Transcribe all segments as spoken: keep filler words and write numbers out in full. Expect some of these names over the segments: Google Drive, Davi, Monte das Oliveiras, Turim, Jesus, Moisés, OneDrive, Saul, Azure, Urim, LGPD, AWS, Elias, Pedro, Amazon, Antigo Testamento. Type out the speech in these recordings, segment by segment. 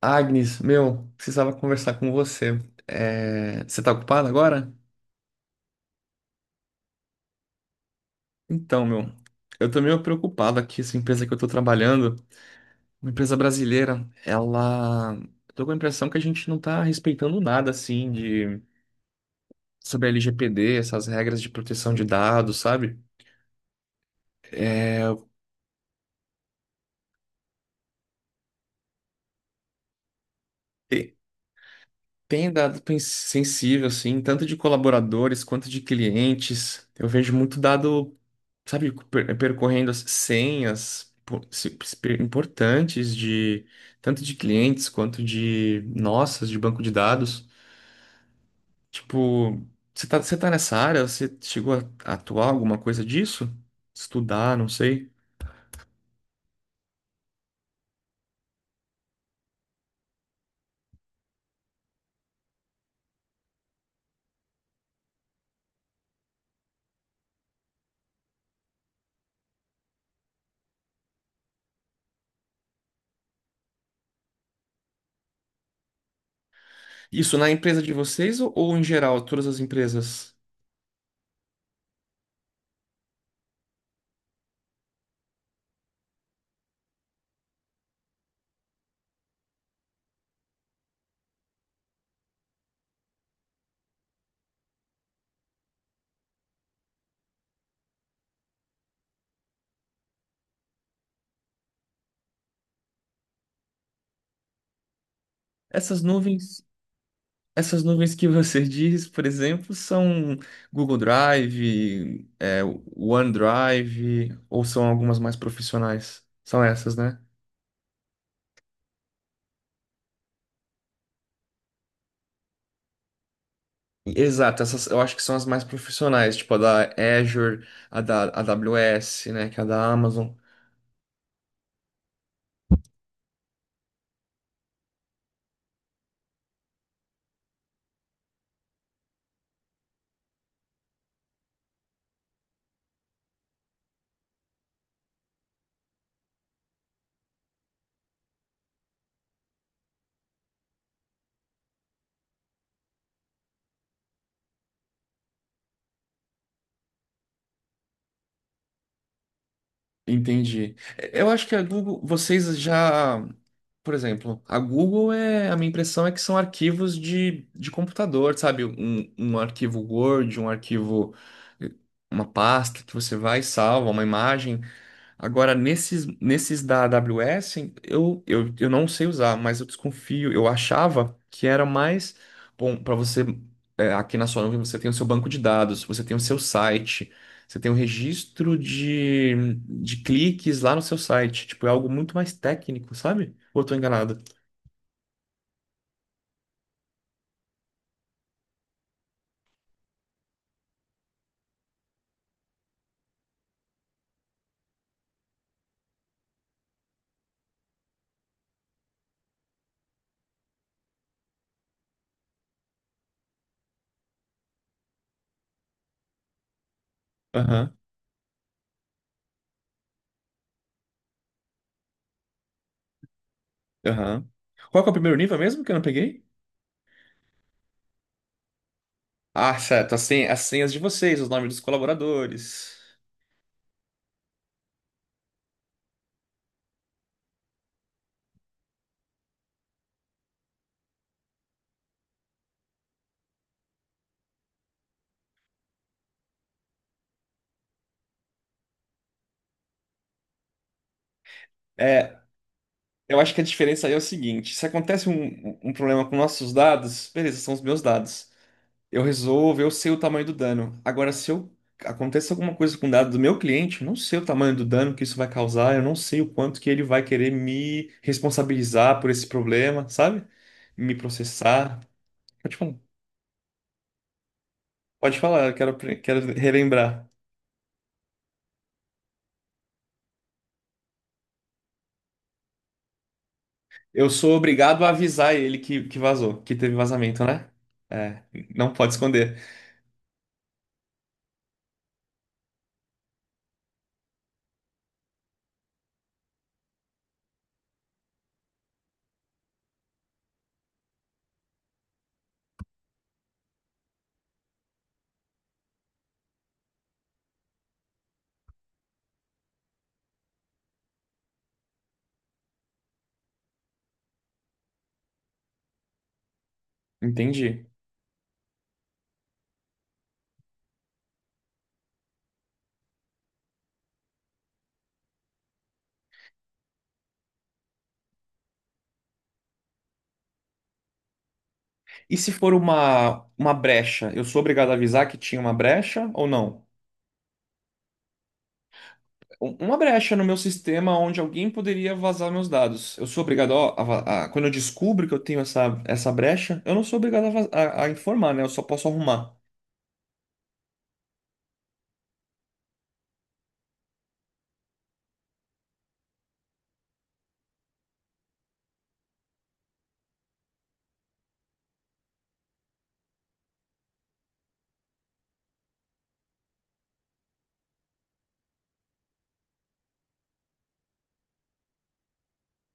Agnes, meu, precisava conversar com você. É, Você tá ocupado agora? Então, meu, eu tô meio preocupado aqui. Essa empresa que eu tô trabalhando, uma empresa brasileira, ela. Tô com a impressão que a gente não tá respeitando nada, assim, de. Sobre a L G P D, essas regras de proteção de dados, sabe? E Tem dado pen- sensível, assim, tanto de colaboradores quanto de clientes. Eu vejo muito dado sabe, per- percorrendo as senhas po- se- se- per- importantes de tanto de clientes quanto de nossas de banco de dados. Tipo, você tá, você tá nessa área? Você chegou a a atuar alguma coisa disso? Estudar, não sei. Isso na empresa de vocês ou, ou em geral, todas as empresas? Essas nuvens, essas nuvens que você diz, por exemplo, são Google Drive, é, OneDrive, ou são algumas mais profissionais? São essas, né? Exato, essas eu acho que são as mais profissionais, tipo a da Azure, a da a AWS, né, que é a da Amazon. Entendi. Eu acho que a Google, vocês já, por exemplo, a Google é, a minha impressão é que são arquivos de, de computador, sabe? Um, um arquivo Word, um arquivo, eh, uma pasta que você vai e salva, uma imagem. Agora, nesses, nesses da A W S, eu, eu, eu não sei usar, mas eu desconfio. Eu achava que era mais bom para você. É, aqui na sua nuvem você tem o seu banco de dados, você tem o seu site, você tem o registro de, de cliques lá no seu site. Tipo, é algo muito mais técnico, sabe? Ou eu tô enganado? Aham, aham. Qual que é o primeiro nível mesmo que eu não peguei? Ah, certo. As sen- as senhas de vocês, os nomes dos colaboradores. É, eu acho que a diferença aí é o seguinte: se acontece um, um problema com nossos dados, beleza, são os meus dados. Eu resolvo, eu sei o tamanho do dano. Agora, se eu acontece alguma coisa com o dado do meu cliente, eu não sei o tamanho do dano que isso vai causar, eu não sei o quanto que ele vai querer me responsabilizar por esse problema, sabe? Me processar. Pode falar, pode falar, eu quero, apre- quero relembrar. Eu sou obrigado a avisar ele que, que vazou, que teve vazamento, né? É, não pode esconder. Entendi. E se for uma, uma brecha, eu sou obrigado a avisar que tinha uma brecha ou não? Um- Uma brecha no meu sistema onde alguém poderia vazar meus dados. Eu sou obrigado ó, a, va- a- quando eu descubro que eu tenho essa, essa brecha, eu não sou obrigado a, vaz- a- a informar, né? Eu só posso arrumar.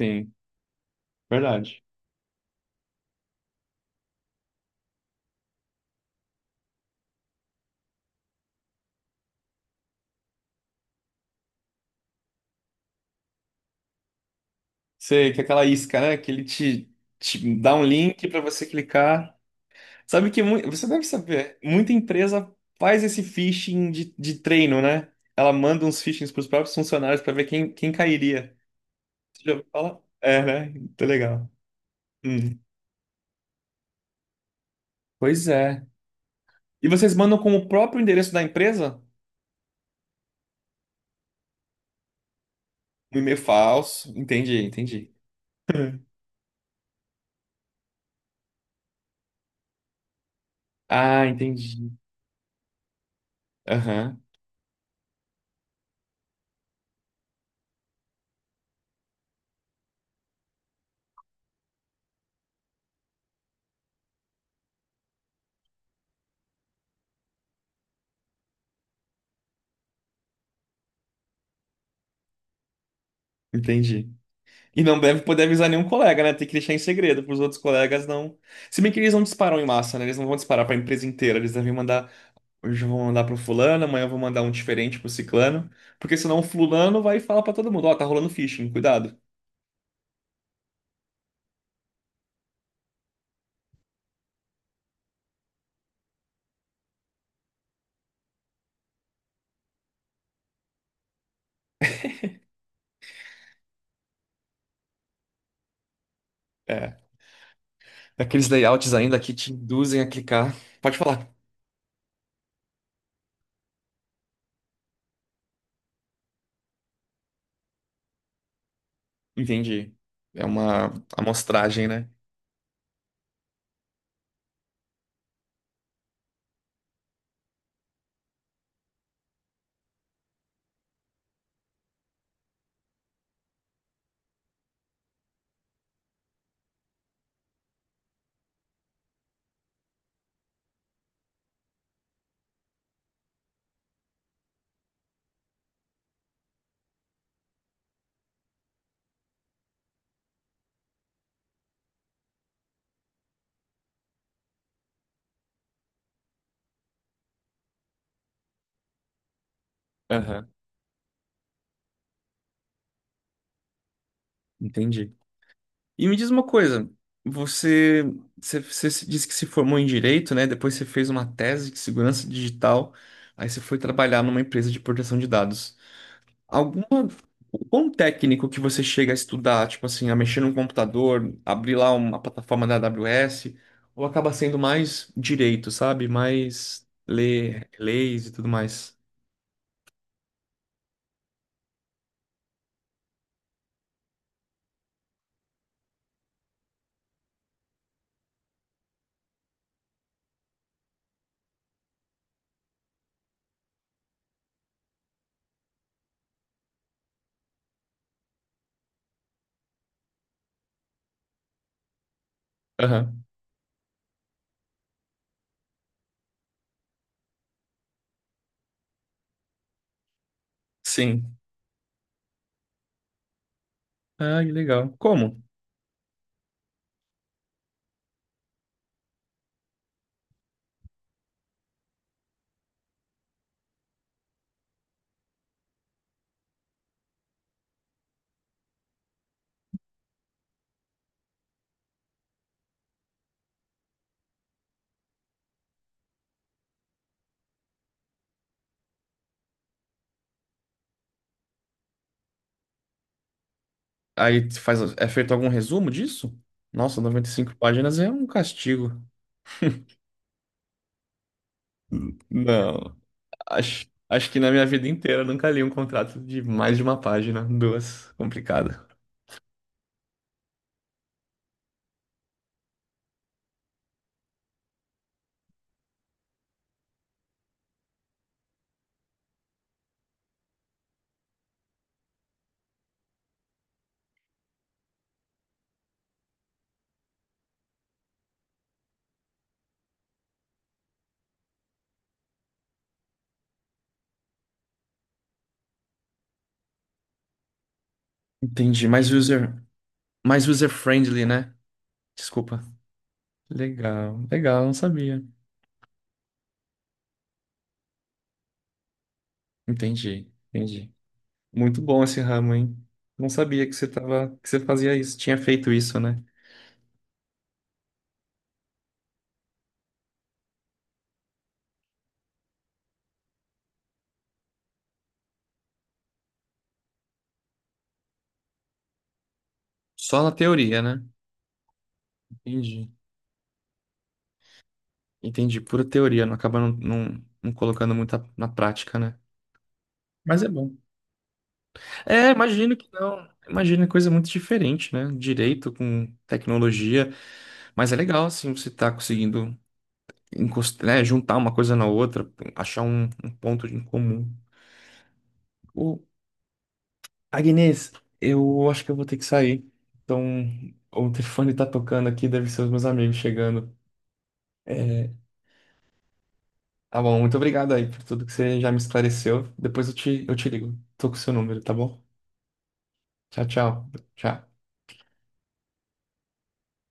Sim, verdade. Sei que é aquela isca, né? Que ele te, te dá um link para você clicar. Sabe que mui- você deve saber, muita empresa faz esse phishing de, de treino, né? Ela manda uns phishings para os próprios funcionários para ver quem, quem cairia. Você já ouviu falar? É, né? Muito legal. Hum. Pois é. E vocês mandam com o próprio endereço da empresa? Um e-mail falso. Entendi, entendi. Ah, entendi. Aham, entendi. E não deve poder avisar nenhum colega, né? Tem que deixar em segredo para os outros colegas não. Se bem que eles não disparam em massa, né? Eles não vão disparar para a empresa inteira. Eles devem mandar. Hoje eu vou mandar para o fulano, amanhã eu vou mandar um diferente para o ciclano. Porque senão o fulano vai falar para todo mundo: Ó, tá rolando phishing, cuidado. É. Aqueles layouts ainda que te induzem a clicar. Pode falar. Entendi. É uma amostragem, né? Aham. Entendi. E me diz uma coisa, você, você, você se- disse que se formou em direito, né? Depois você fez uma tese de segurança digital, aí você foi trabalhar numa empresa de proteção de dados. Alguma, quão técnico que você chega a estudar, tipo assim, a mexer num computador, abrir lá uma plataforma da A W S, ou acaba sendo mais direito, sabe? Mais ler leis e tudo mais. Aham. Sim. Ah, que legal. Como? Aí faz, é feito algum resumo disso? Nossa, noventa e cinco páginas é um castigo. Não, acho, acho que na minha vida inteira eu nunca li um contrato de mais de uma página, duas, complicado. Entendi, mais user, mais user friendly, né? Desculpa. Legal, legal, não sabia. Entendi, entendi. Muito bom esse ramo, hein? Não sabia que você tava, que você fazia isso, tinha feito isso, né? Só na teoria, né? Entendi. Entendi, pura teoria, não acaba não, não, não colocando muito a- na prática, né? Mas é bom. É, imagino que não. Imagino que é coisa muito diferente, né? Direito com tecnologia. Mas é legal, assim, você tá conseguindo encos- né, juntar uma coisa na outra, achar um, um ponto em comum. Ô, Agnes, eu acho que eu vou ter que sair. Então, o telefone tá tocando aqui, deve ser os meus amigos chegando. É, tá bom, muito obrigado aí por tudo que você já me esclareceu. Depois eu te, eu te ligo. Tô com o seu número, tá bom? Tchau, tchau. Tchau.